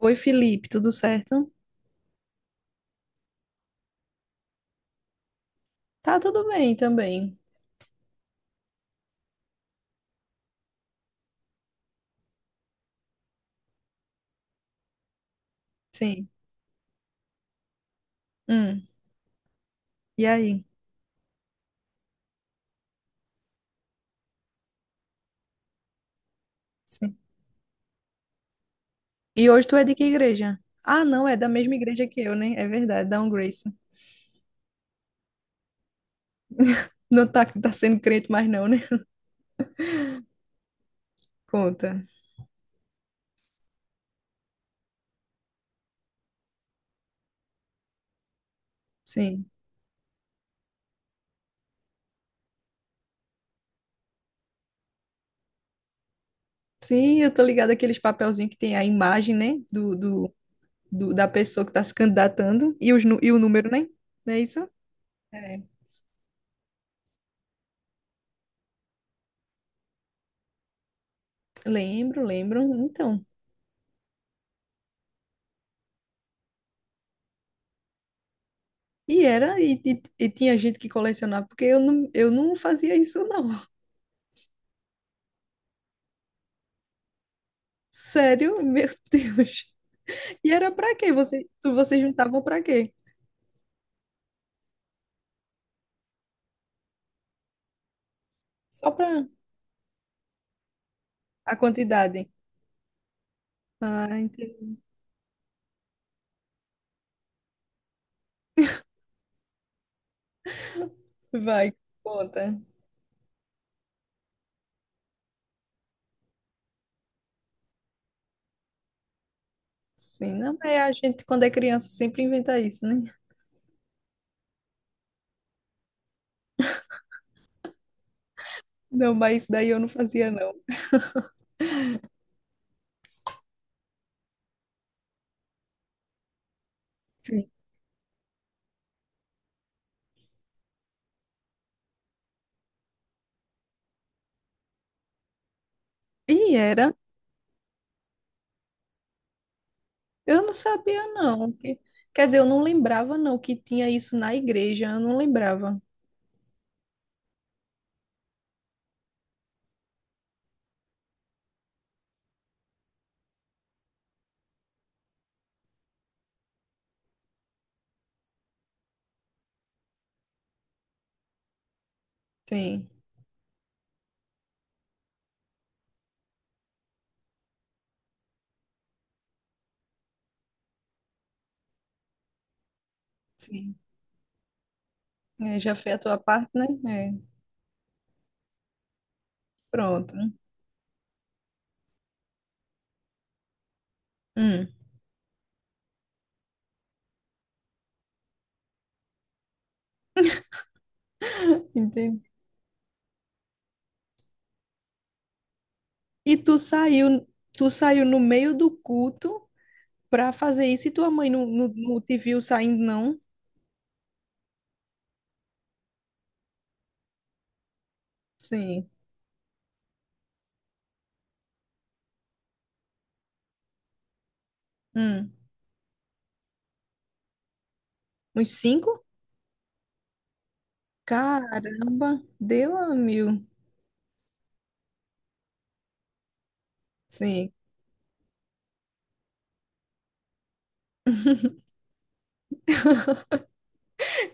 Oi, Felipe, tudo certo? Tá tudo bem também. Sim. Hum. E aí? Sim. E hoje tu é de que igreja? Ah, não, é da mesma igreja que eu, né? É verdade, da Um Grace. Não tá, tá sendo crente mais não, né? Conta. Sim. Sim, eu tô ligada àqueles papelzinhos que tem a imagem, né? da pessoa que tá se candidatando e, e o número, né? Não é isso? É. Lembro, lembro. Então. E era, e tinha gente que colecionava, porque eu não fazia isso, não. Sério? Meu Deus. E era pra quê? Vocês juntavam pra quê? Só pra a quantidade. Ah, entendi. Vai, conta. Sim, não, é a gente quando é criança sempre inventa isso, né? Não, mas isso daí eu não fazia, não. Sim. E era? Eu não sabia, não. Que- Quer dizer, eu não lembrava, não, que tinha isso na igreja. Eu não lembrava. Sim, sim. É, já foi a tua parte, né? É. Pronto. Hum, entendi. E tu saiu, tu saiu no meio do culto pra fazer isso e tua mãe não te viu saindo, não? Sim. Hum. Uns cinco? Caramba, deu a mil. Sim.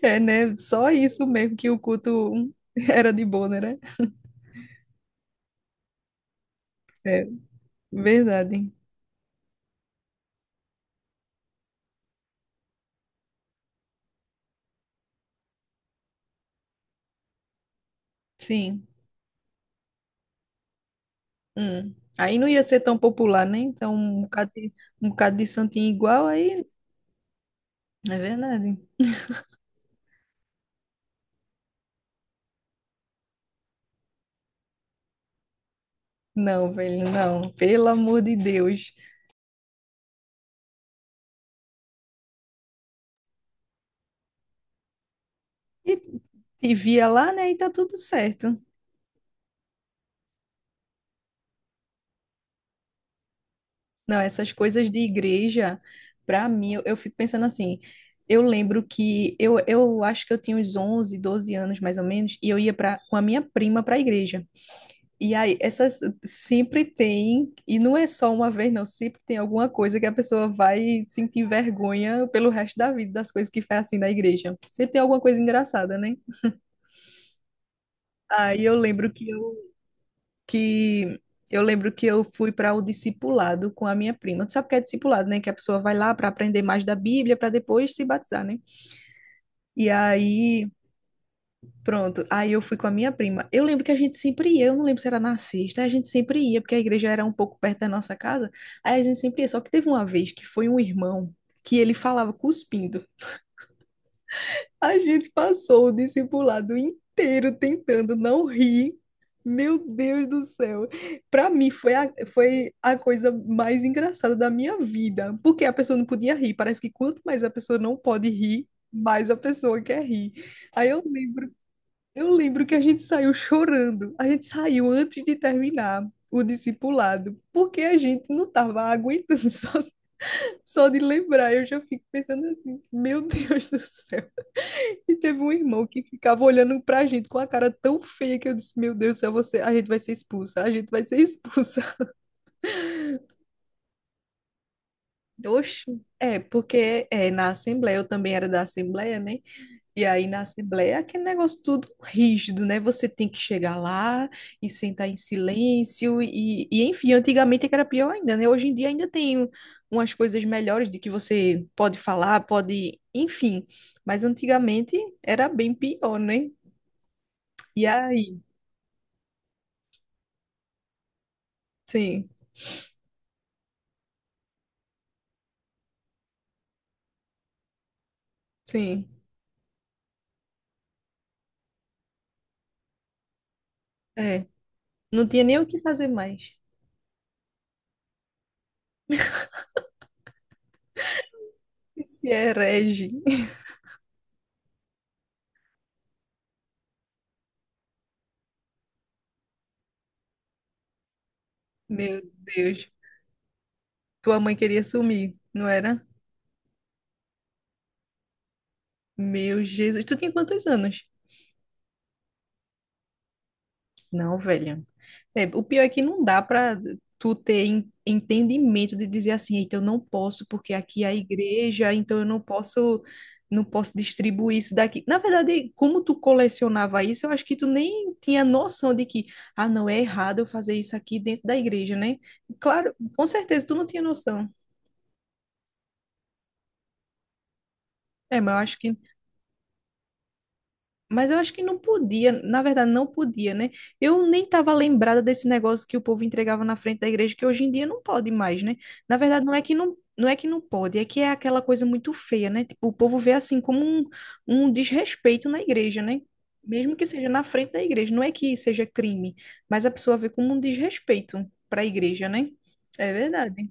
É, né? Só isso mesmo que o culto era de boa, né? É, verdade. Sim. Hum. Aí não ia ser tão popular, né? Então, um bocado de santinho igual aí. É verdade. Não, velho, não. Pelo amor de Deus. E te via lá, né? E tá tudo certo. Não, essas coisas de igreja, pra mim, eu fico pensando assim. Eu lembro que eu acho que eu tinha uns 11, 12 anos mais ou menos, e eu ia pra, com a minha prima pra igreja. E aí, essas sempre tem, e não é só uma vez, não, sempre tem alguma coisa que a pessoa vai sentir vergonha pelo resto da vida das coisas que faz assim na igreja. Sempre tem alguma coisa engraçada, né? Aí eu lembro que eu que eu lembro que eu fui para o discipulado com a minha prima. Tu sabe o que é discipulado, né? Que a pessoa vai lá para aprender mais da Bíblia para depois se batizar, né? E aí, pronto. Aí eu fui com a minha prima. Eu lembro que a gente sempre ia, eu não lembro se era na sexta, a gente sempre ia, porque a igreja era um pouco perto da nossa casa. Aí a gente sempre ia. Só que teve uma vez que foi um irmão que ele falava cuspindo. A gente passou o discipulado inteiro tentando não rir. Meu Deus do céu. Para mim foi foi a coisa mais engraçada da minha vida, porque a pessoa não podia rir. Parece que quanto mais a pessoa não pode rir, mais a pessoa quer rir. Aí eu lembro que a gente saiu chorando. A gente saiu antes de terminar o discipulado, porque a gente não estava aguentando só de lembrar. Eu já fico pensando assim, meu Deus do céu. E teve um irmão que ficava olhando pra gente com a cara tão feia que eu disse: Meu Deus do céu, você, a gente vai ser expulsa, a gente vai ser expulsa. Oxe. Na Assembleia, eu também era da Assembleia, né? E aí na Assembleia é aquele negócio tudo rígido, né? Você tem que chegar lá e sentar em silêncio, e enfim, antigamente é que era pior ainda, né? Hoje em dia ainda tem umas coisas melhores de que você pode falar, pode, enfim. Mas antigamente era bem pior, né? E aí, sim. Sim, é. Não tinha nem o que fazer mais. Esse é herege. Meu Deus. Tua mãe queria sumir, não era? Meu Jesus. Tu tinha quantos anos? Não, velho. É, o pior é que não dá para tu ter en- entendimento de dizer assim, eita, eu não posso porque aqui é a igreja, então eu não posso, não posso distribuir isso daqui. Na verdade, como tu colecionava isso, eu acho que tu nem tinha noção de que, ah, não, é errado eu fazer isso aqui dentro da igreja, né? Claro, com certeza tu não tinha noção. É, mas eu acho que Mas eu acho que não podia, na verdade, não podia, né? Eu nem estava lembrada desse negócio que o povo entregava na frente da igreja, que hoje em dia não pode mais, né? Na verdade, não é que não pode, é que é aquela coisa muito feia, né? Tipo, o povo vê assim como um desrespeito na igreja, né? Mesmo que seja na frente da igreja, não é que seja crime, mas a pessoa vê como um desrespeito para a igreja, né? É verdade.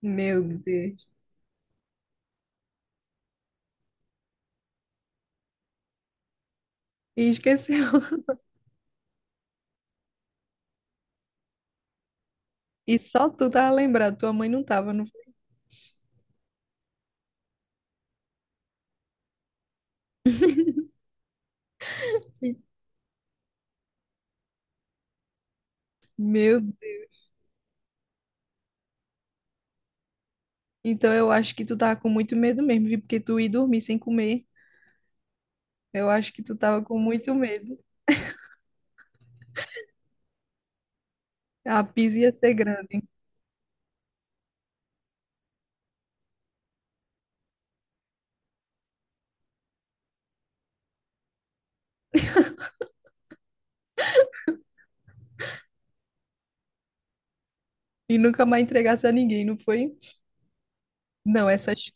Meu Deus. E esqueceu. E só tu tava lembrado, tua mãe não tava. Não- Meu Então eu acho que tu tava com muito medo mesmo, viu? Porque tu ia dormir sem comer. Eu acho que tu tava com muito medo. A pizza ia ser grande. E nunca mais entregasse a ninguém, não foi? Não,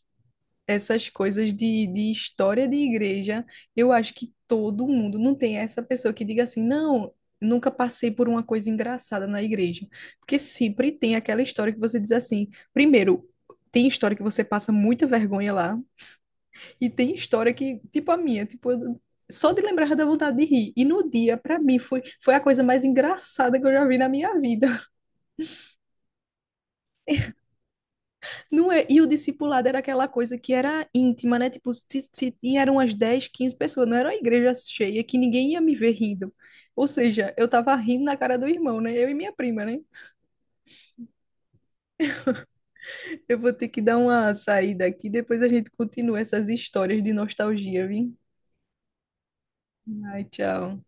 essas coisas de história de igreja, eu acho que todo mundo não tem essa pessoa que diga assim, não, nunca passei por uma coisa engraçada na igreja. Porque sempre tem aquela história que você diz assim, primeiro, tem história que você passa muita vergonha lá. E tem história que, tipo a minha, tipo, eu- só de lembrar dá vontade de rir. E no dia, pra mim, foi a coisa mais engraçada que eu já vi na minha vida. Não é? E o discipulado era aquela coisa que era íntima, né? Tipo, se tinha eram umas 10, 15 pessoas, não era uma igreja cheia que ninguém ia me ver rindo. Ou seja, eu tava rindo na cara do irmão, né? Eu e minha prima, né? Eu vou ter que dar uma saída aqui, depois a gente continua essas histórias de nostalgia, viu? Ai, tchau.